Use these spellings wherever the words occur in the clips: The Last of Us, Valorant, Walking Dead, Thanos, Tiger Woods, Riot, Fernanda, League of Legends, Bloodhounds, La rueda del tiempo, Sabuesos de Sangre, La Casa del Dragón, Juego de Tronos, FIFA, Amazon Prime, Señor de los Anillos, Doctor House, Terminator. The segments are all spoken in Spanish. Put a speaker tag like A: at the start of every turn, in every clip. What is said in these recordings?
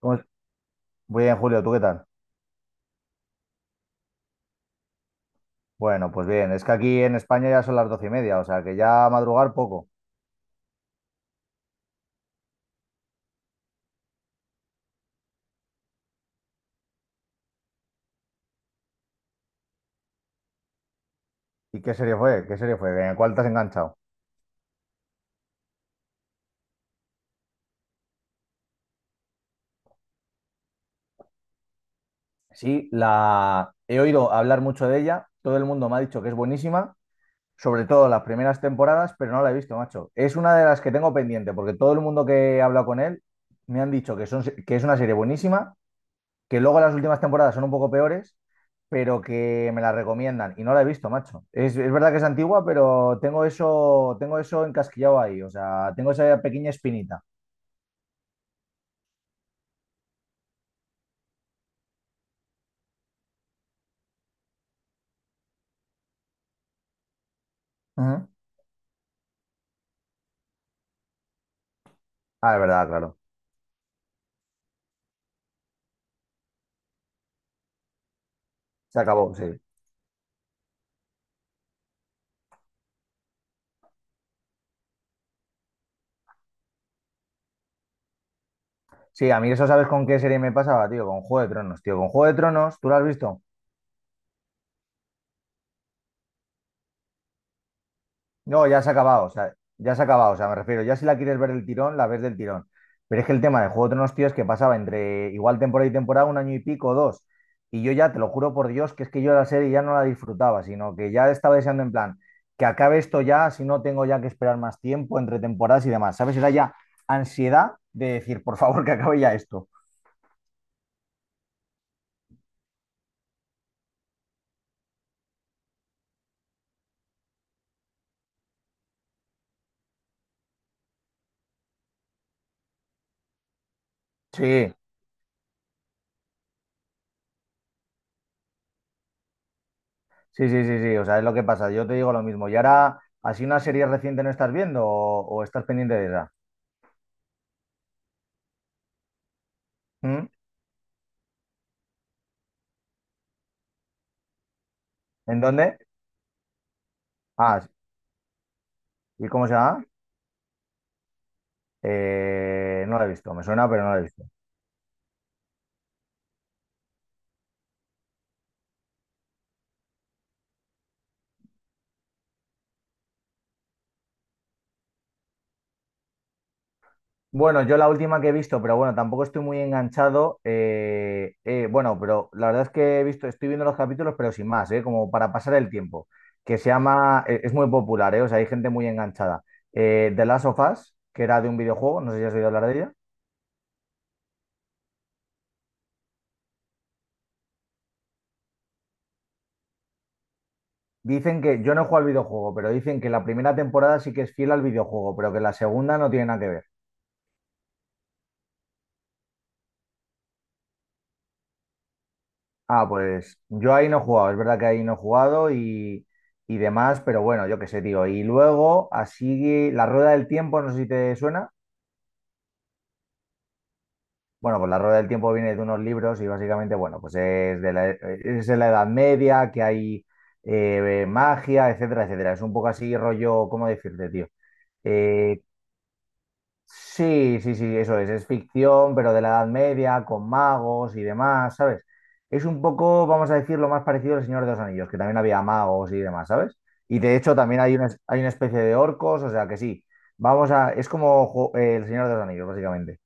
A: ¿Cómo es? Muy bien, Julio, ¿tú qué tal? Bueno, pues bien, es que aquí en España ya son las doce y media, o sea que ya madrugar poco. ¿Y qué serie fue? ¿Qué serie fue? ¿En cuál te has enganchado? Sí, la he oído hablar mucho de ella, todo el mundo me ha dicho que es buenísima, sobre todo las primeras temporadas, pero no la he visto, macho. Es una de las que tengo pendiente, porque todo el mundo que he hablado con él me han dicho que, son... que es una serie buenísima que luego las últimas temporadas son un poco peores, pero que me la recomiendan y no la he visto, macho. Es verdad que es antigua, pero tengo eso encasquillado ahí, o sea, tengo esa pequeña espinita. Ujú. Ah, es verdad, claro. Se acabó, sí. Sí, a mí eso sabes con qué serie me pasaba, tío, con Juego de Tronos, tío, con Juego de Tronos, ¿tú la has visto? No, ya se ha acabado, o sea, ya se ha acabado, o sea, me refiero, ya si la quieres ver del tirón, la ves del tirón. Pero es que el tema de Juego de Tronos, tío, es que pasaba entre igual temporada y temporada, un año y pico, dos. Y yo ya, te lo juro por Dios, que es que yo la serie ya no la disfrutaba, sino que ya estaba deseando en plan, que acabe esto ya, si no tengo ya que esperar más tiempo entre temporadas y demás, ¿sabes? Era ya ansiedad de decir, por favor, que acabe ya esto. Sí, sí, sí, sí, sí, o sea, es lo que pasa, yo te digo lo mismo. Y ahora, así una serie reciente no estás viendo o estás pendiente de esa. ¿Mm? ¿En dónde? Ah, sí. ¿Y cómo se llama? No la he visto, me suena, pero no la he visto. Bueno, yo la última que he visto, pero bueno, tampoco estoy muy enganchado. Bueno, pero la verdad es que he visto, estoy viendo los capítulos, pero sin más, como para pasar el tiempo. Que se llama, es muy popular, o sea, hay gente muy enganchada. The Last of Us, que era de un videojuego, no sé si has oído hablar de ella. Dicen que, yo no he jugado al videojuego, pero dicen que la primera temporada sí que es fiel al videojuego, pero que la segunda no tiene nada que ver. Ah, pues yo ahí no he jugado, es verdad que ahí no he jugado y demás, pero bueno, yo qué sé, tío. Y luego, así, la rueda del tiempo, no sé si te suena. Bueno, pues la rueda del tiempo viene de unos libros y básicamente, bueno, pues es de la Edad Media, que hay magia, etcétera, etcétera. Es un poco así rollo, ¿cómo decirte, tío? Eh, Sí, sí, sí, eso es ficción, pero de la Edad Media, con magos y demás, ¿sabes? Es un poco, vamos a decir, lo más parecido al Señor de los Anillos, que también había magos y demás, ¿sabes? Y de hecho también hay una, hay una especie de orcos, o sea que sí, vamos a, es como el Señor de los Anillos, básicamente.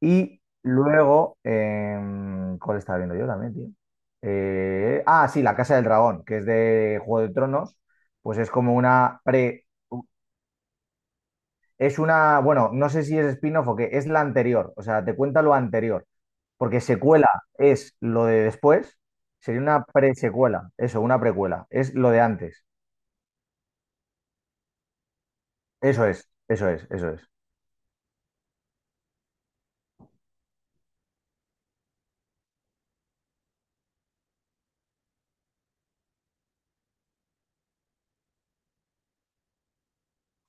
A: Y luego, ¿cuál estaba viendo yo también, tío? Ah, sí, La Casa del Dragón, que es de Juego de Tronos, pues es como una pre... Es una, bueno, no sé si es spin-off o qué, es la anterior, o sea, te cuenta lo anterior, porque secuela es lo de después, sería una presecuela, eso, una precuela, es lo de antes. Eso es, eso es, eso es.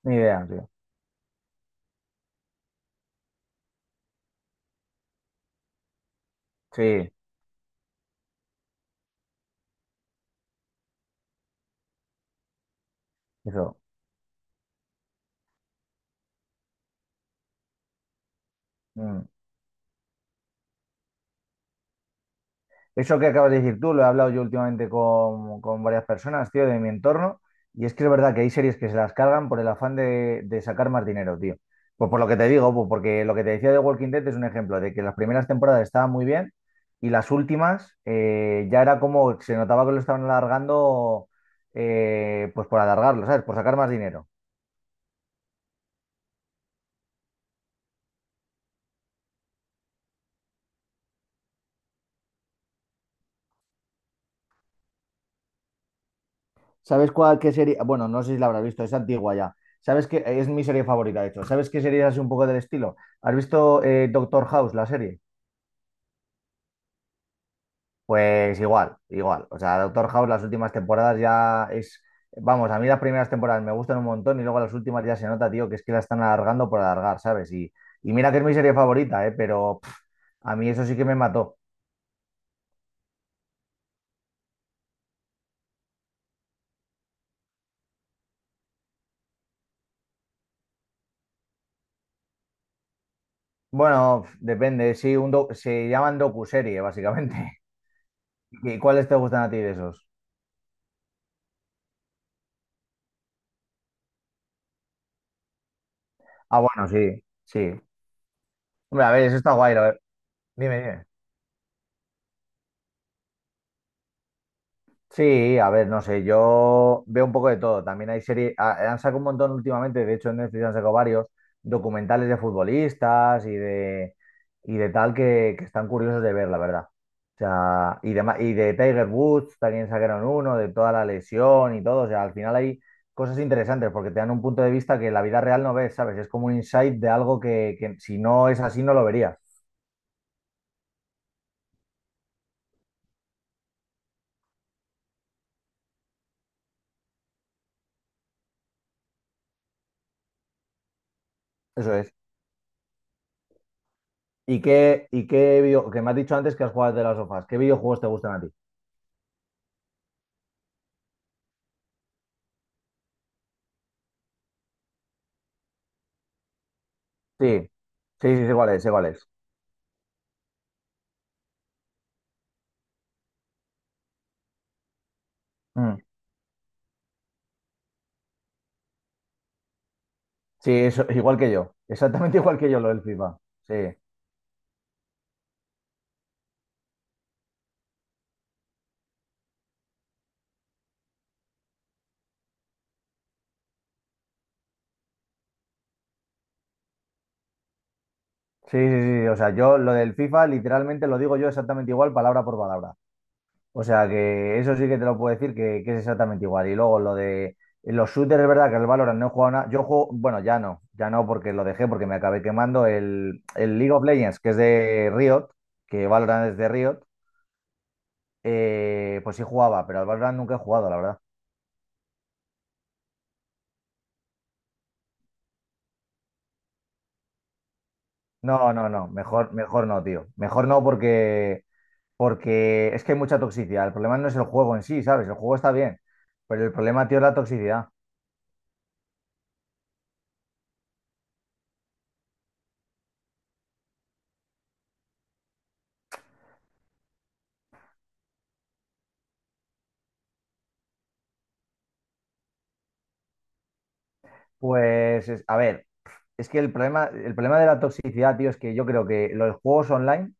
A: Ni idea, tío. Sí, eso. Mm. Eso que acabas de decir tú, lo he hablado yo últimamente con varias personas, tío, de mi entorno, y es que es verdad que hay series que se las cargan por el afán de sacar más dinero, tío. Pues por lo que te digo, pues porque lo que te decía de Walking Dead es un ejemplo de que las primeras temporadas estaban muy bien y las últimas ya era como se notaba que lo estaban alargando, pues por alargarlo, ¿sabes? Por sacar más dinero. ¿Sabes cuál, qué serie? Bueno, no sé si la habrás visto, es antigua ya. ¿Sabes qué? Es mi serie favorita, de hecho. ¿Sabes qué serie es así un poco del estilo? ¿Has visto Doctor House, la serie? Pues igual, igual. O sea, Doctor House las últimas temporadas ya es... Vamos, a mí las primeras temporadas me gustan un montón y luego las últimas ya se nota, tío, que es que la están alargando por alargar, ¿sabes? Y mira que es mi serie favorita, ¿eh? Pero pff, a mí eso sí que me mató. Bueno, pff, depende, sí, se llaman docuserie, básicamente. ¿Y cuáles te gustan a ti de esos? Ah, bueno, sí, sí. Hombre, a ver, eso está guay, lo- Dime, dime. Sí, a ver, no sé, yo veo un poco de todo. También hay series, han sacado un montón últimamente, de hecho en Netflix han sacado varios documentales de futbolistas y de tal que están curiosos de ver, la verdad. O sea, y de, y de Tiger Woods también sacaron uno, de toda la lesión y todo. O sea, al final hay cosas interesantes porque te dan un punto de vista que en la vida real no ves, ¿sabes? Es como un insight de algo que si no es así no lo verías. Eso es. Y qué que me has dicho antes que has jugado de las sofás? ¿Qué videojuegos te gustan a ti? Sí, sí, sí, sé cuál es, sé es. Mm. Sí, eso, igual que yo, exactamente igual que yo lo del FIFA. Sí, sí, sí, sí, sí, o sea, yo lo del FIFA literalmente lo digo yo exactamente igual, palabra por palabra. O sea, que eso sí que te lo puedo decir que es exactamente igual. Y luego lo de los shooters, es verdad que el Valorant no he jugado nada. Yo juego, bueno, ya no, ya no porque lo dejé, porque me acabé quemando el League of Legends, que es de Riot, que Valorant es de Riot, pues sí jugaba, pero al Valorant nunca he jugado, la verdad. No, no, no, mejor, mejor no, tío. Mejor no porque, porque es que hay mucha toxicidad. El problema no es el juego en sí, ¿sabes? El juego está bien, pero el problema, tío, es la toxicidad. Pues, a ver, es que el problema de la toxicidad, tío, es que yo creo que los juegos online.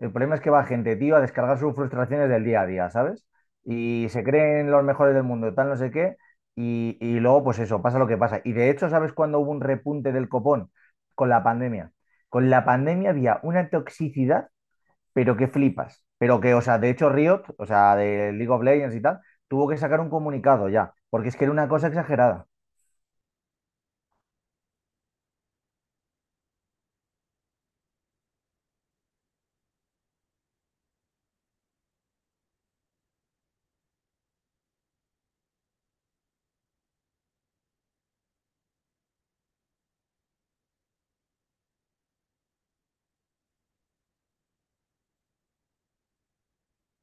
A: El problema es que va gente, tío, a descargar sus frustraciones del día a día, ¿sabes? Y se creen los mejores del mundo, tal, no sé qué. Y luego, pues eso, pasa lo que pasa. Y de hecho, ¿sabes cuándo hubo un repunte del copón? Con la pandemia. Con la pandemia había una toxicidad, pero que flipas. Pero que, o sea, de hecho, Riot, o sea, de League of Legends y tal, tuvo que sacar un comunicado ya, porque es que era una cosa exagerada.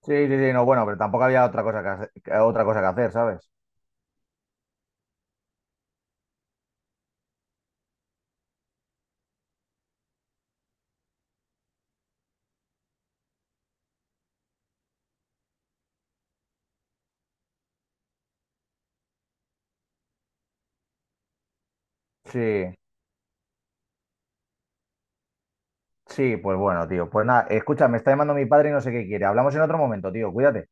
A: Sí, sí, sí, no, bueno, pero tampoco había otra cosa que, otra cosa que hacer, ¿sabes? Sí. Sí, pues bueno, tío. Pues nada, escucha, me está llamando mi padre y no sé qué quiere. Hablamos en otro momento, tío. Cuídate.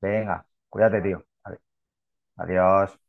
A: Venga, cuídate, tío. Ade- Adiós.